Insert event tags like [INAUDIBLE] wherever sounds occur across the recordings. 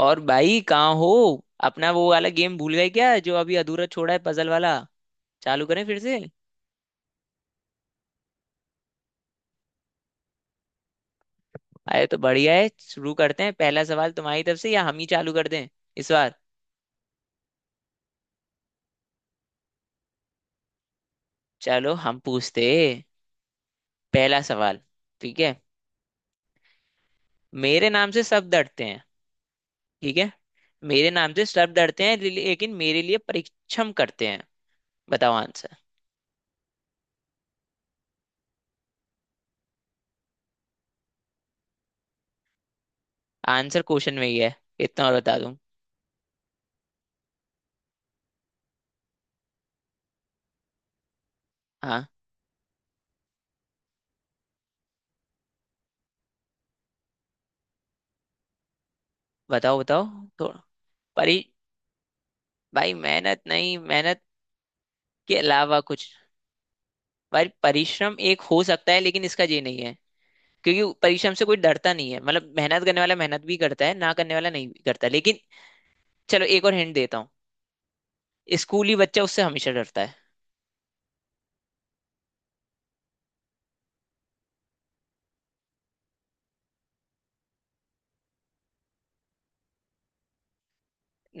और भाई कहाँ हो। अपना वो वाला गेम भूल गए क्या, जो अभी अधूरा छोड़ा है, पजल वाला। चालू करें फिर से? अरे तो बढ़िया है, शुरू करते हैं। पहला सवाल तुम्हारी तरफ से या हम ही चालू कर दें इस बार? चलो हम पूछते हैं। पहला सवाल, ठीक है? मेरे नाम से सब डरते हैं। ठीक है। मेरे नाम से सब डरते हैं लेकिन मेरे लिए परीक्षम करते हैं। बताओ आंसर। आंसर क्वेश्चन में ही है, इतना और बता दूं। हाँ, बताओ बताओ। थोड़ा। परी। भाई, मेहनत नहीं, मेहनत के अलावा कुछ। पर परिश्रम एक हो सकता है लेकिन इसका ये नहीं है, क्योंकि परिश्रम से कोई डरता नहीं है। मतलब मेहनत करने वाला मेहनत भी करता है, ना करने वाला नहीं भी करता, लेकिन चलो एक और हिंट देता हूँ। स्कूली बच्चा उससे हमेशा डरता है।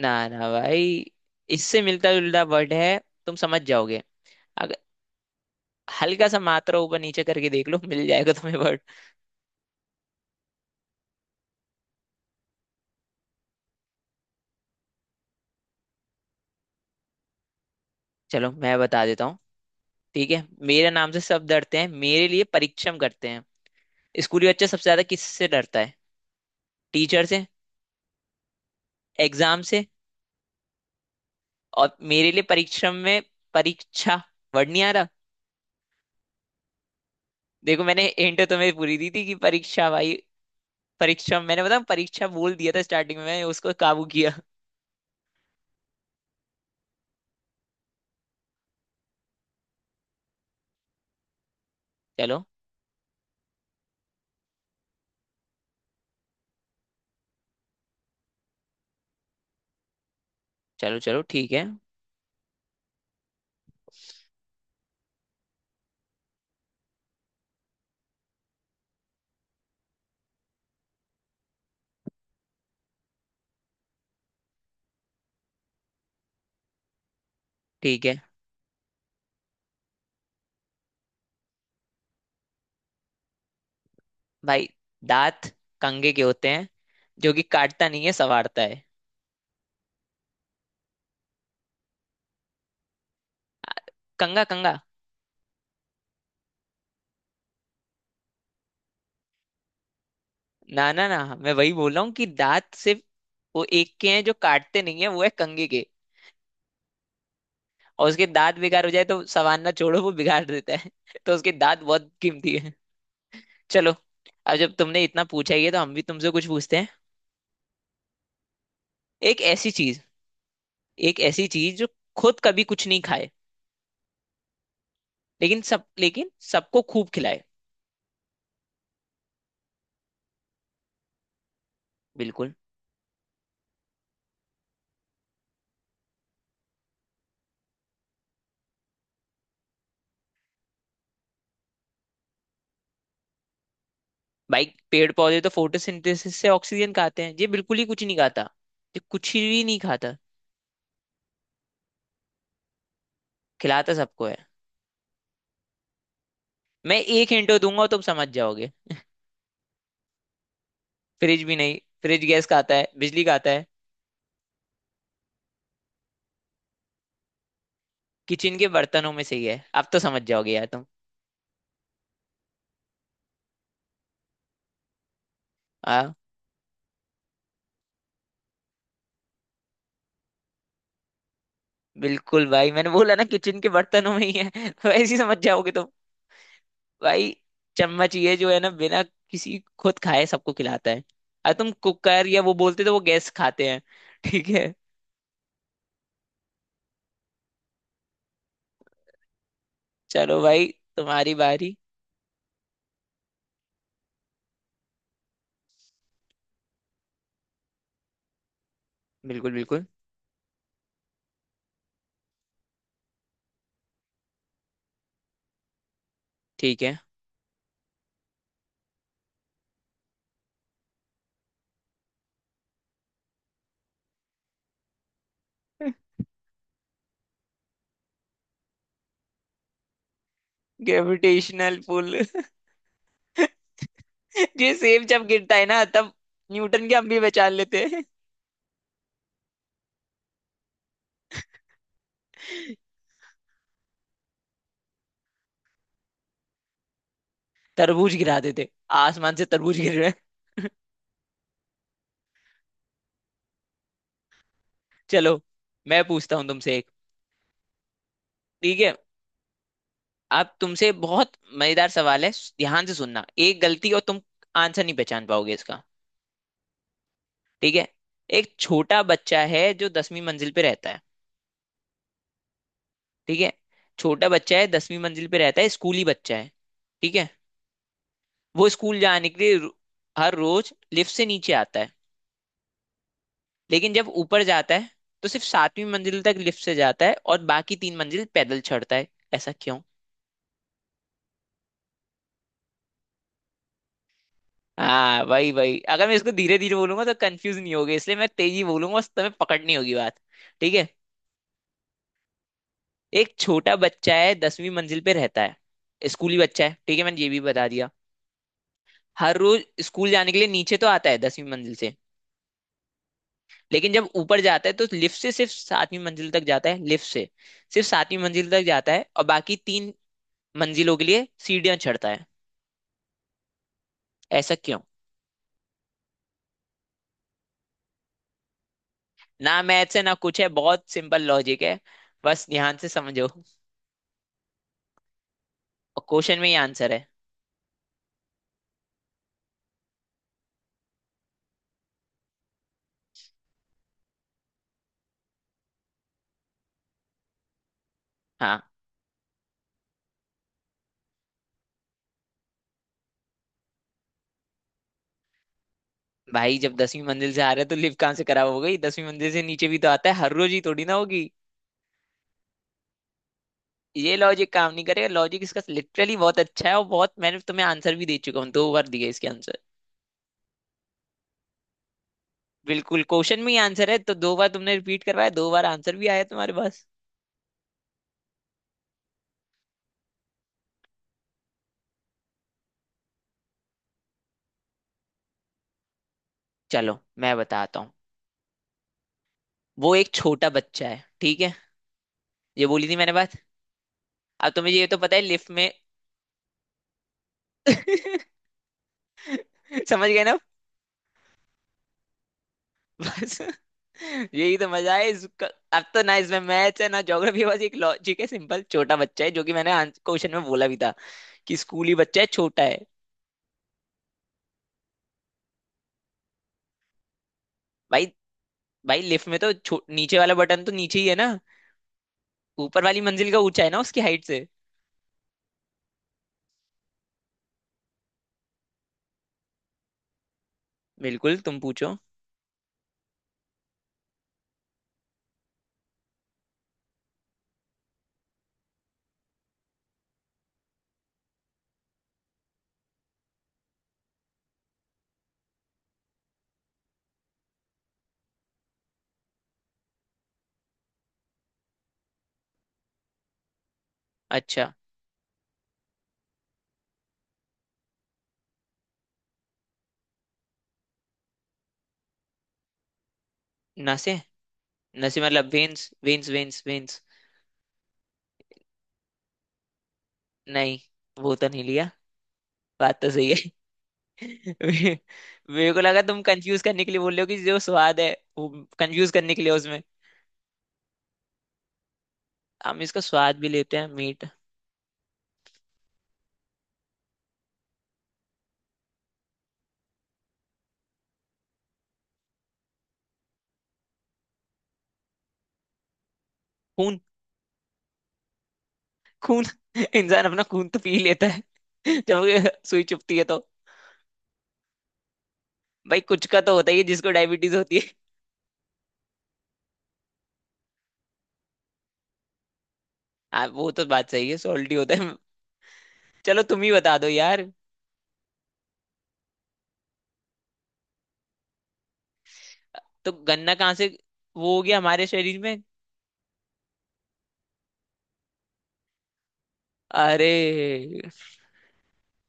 ना ना भाई, इससे मिलता जुलता वर्ड है, तुम समझ जाओगे। अगर हल्का सा मात्रा ऊपर नीचे करके देख लो, मिल जाएगा तुम्हें वर्ड। चलो मैं बता देता हूँ। ठीक है, मेरे नाम से सब डरते हैं, मेरे लिए परिश्रम करते हैं। स्कूली बच्चा सबसे ज्यादा किससे डरता है? टीचर से, एग्जाम से। और मेरे लिए परिश्रम में परीक्षा वर्ड नहीं आ रहा? देखो, मैंने हिंट तुम्हें पूरी दी थी कि परीक्षा भाई। परीक्षा, मैंने बताऊं, परीक्षा बोल दिया था स्टार्टिंग में, मैंने उसको काबू किया। चलो चलो, चलो ठीक है। ठीक है भाई। दांत कंघे के होते हैं, जो कि काटता नहीं है, संवारता है। आ, कंघा, कंघा। ना ना ना, मैं वही बोल रहा हूँ कि दांत सिर्फ वो एक के हैं जो काटते नहीं है, वो है कंघे के। और उसके दांत बेकार हो जाए तो संवारना छोड़ो, वो बिगाड़ देता है [LAUGHS] तो उसके दांत बहुत कीमती है। चलो, अब जब तुमने इतना पूछा ही है तो हम भी तुमसे कुछ पूछते हैं। एक ऐसी चीज, एक ऐसी चीज जो खुद कभी कुछ नहीं खाए, लेकिन सब, लेकिन सबको खूब खिलाए। बिल्कुल। भाई, पेड़ पौधे तो फोटोसिंथेसिस से ऑक्सीजन खाते हैं, ये बिल्कुल ही कुछ नहीं खाता। ये कुछ भी नहीं खाता। खिलाता सबको है। मैं एक हिंट दूंगा, तुम समझ जाओगे। फ्रिज भी नहीं, फ्रिज गैस खाता है, बिजली खाता है। किचन के बर्तनों में से ही है, अब तो समझ जाओगे यार तुम। हाँ। बिल्कुल भाई, मैंने बोला ना, किचन के बर्तनों में ही है [LAUGHS] वैसे ही समझ जाओगे तुम। भाई, चम्मच ये जो है ना, बिना किसी खुद खाए सबको खिलाता है। अब तुम कुकर या वो बोलते तो वो गैस खाते हैं। ठीक है। चलो भाई, तुम्हारी बारी। बिल्कुल बिल्कुल, ठीक है। [LAUGHS] Gravitational pull. ये सेब जब गिरता है ना, तब न्यूटन के हम भी पहचान लेते हैं। तरबूज गिरा देते। आसमान से तरबूज गिर रहे हैं। [LAUGHS] चलो, मैं पूछता हूँ तुमसे एक। ठीक है, अब तुमसे बहुत मजेदार सवाल है, ध्यान से सुनना, एक गलती और तुम आंसर नहीं पहचान पाओगे इसका। ठीक है? एक छोटा बच्चा है जो दसवीं मंजिल पे रहता है। ठीक है? छोटा बच्चा है, दसवीं मंजिल पे रहता है, स्कूली बच्चा है। ठीक है? वो स्कूल जाने के लिए हर रोज लिफ्ट से नीचे आता है। लेकिन जब ऊपर जाता है तो सिर्फ सातवीं मंजिल तक लिफ्ट से जाता है, और बाकी तीन मंजिल पैदल चढ़ता है। ऐसा क्यों? हाँ वही वही, अगर मैं इसको धीरे धीरे बोलूंगा तो कंफ्यूज नहीं होगे, इसलिए मैं तेजी बोलूंगा, तुम्हें पकड़नी होगी बात। ठीक है? एक छोटा बच्चा है, दसवीं मंजिल पे रहता है, स्कूली बच्चा है, ठीक है, मैंने ये भी बता दिया। हर रोज स्कूल जाने के लिए नीचे तो आता है दसवीं मंजिल से। लेकिन जब ऊपर जाता है तो लिफ्ट से सिर्फ सातवीं मंजिल तक जाता है, लिफ्ट से सिर्फ सातवीं मंजिल तक जाता है, और बाकी तीन मंजिलों के लिए सीढ़ियां चढ़ता है। ऐसा क्यों? ना मैथ्स है ना कुछ है, बहुत सिंपल लॉजिक है। बस ध्यान से समझो, और क्वेश्चन में ही आंसर है। हाँ। भाई, जब दसवीं मंजिल से आ रहा है तो लिफ्ट कहाँ से खराब हो गई? दसवीं मंजिल से नीचे भी तो आता है हर रोज, ही थोड़ी ना होगी। ये लॉजिक काम नहीं करेगा, लॉजिक इसका लिटरली बहुत अच्छा है। और बहुत मैंने तुम्हें आंसर भी दे चुका हूँ, दो बार दिए इसके आंसर। बिल्कुल, क्वेश्चन में ही आंसर है, तो दो बार तुमने रिपीट करवाया, दो बार आंसर भी आया तुम्हारे पास। चलो मैं बताता हूँ। वो एक छोटा बच्चा है, ठीक है? ये बोली थी मैंने बात। अब तुम्हें ये तो पता है लिफ्ट में। [LAUGHS] समझ गए ना? बस [LAUGHS] यही तो मजा है इसका। अब तो ना इसमें मैथ्स है ना ज्योग्राफी, बस एक लॉजिक है सिंपल, छोटा बच्चा है, जो कि मैंने क्वेश्चन में बोला भी था कि स्कूली बच्चा है, छोटा है। भाई, भाई लिफ्ट में तो नीचे वाला बटन तो नीचे ही है ना, ऊपर वाली मंजिल का ऊंचा है ना उसकी हाइट से। बिल्कुल, तुम पूछो। अच्छा। नसें। नसें मतलब वेन्स वेन्स वेन्स वेन्स। नहीं, वो तो नहीं लिया। बात तो सही है। [LAUGHS] मे- मेरे को लगा तुम कंफ्यूज करने के लिए बोल रहे हो कि जो स्वाद है, वो कंफ्यूज करने के लिए उसमें। हम इसका स्वाद भी लेते हैं मीट। खून। खून। [LAUGHS] इंसान अपना खून तो पी ही लेता है [LAUGHS] जब ये सुई चुभती है तो। भाई कुछ का तो होता ही है, जिसको डायबिटीज होती है। वो तो बात सही है, सॉल्टी होता है। चलो तुम ही बता दो यार। तो गन्ना कहाँ से वो हो गया हमारे शरीर में? अरे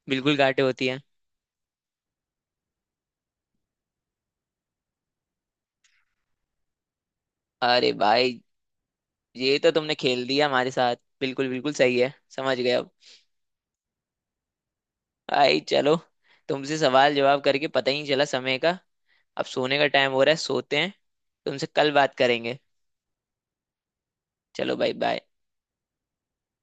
बिल्कुल, गांठें होती हैं। अरे भाई, ये तो तुमने खेल दिया हमारे साथ। बिल्कुल बिल्कुल सही है, समझ गए अब। भाई चलो, तुमसे सवाल जवाब करके पता ही नहीं चला समय का। अब सोने का टाइम हो रहा है, सोते हैं। तुमसे कल बात करेंगे। चलो भाई, बाय।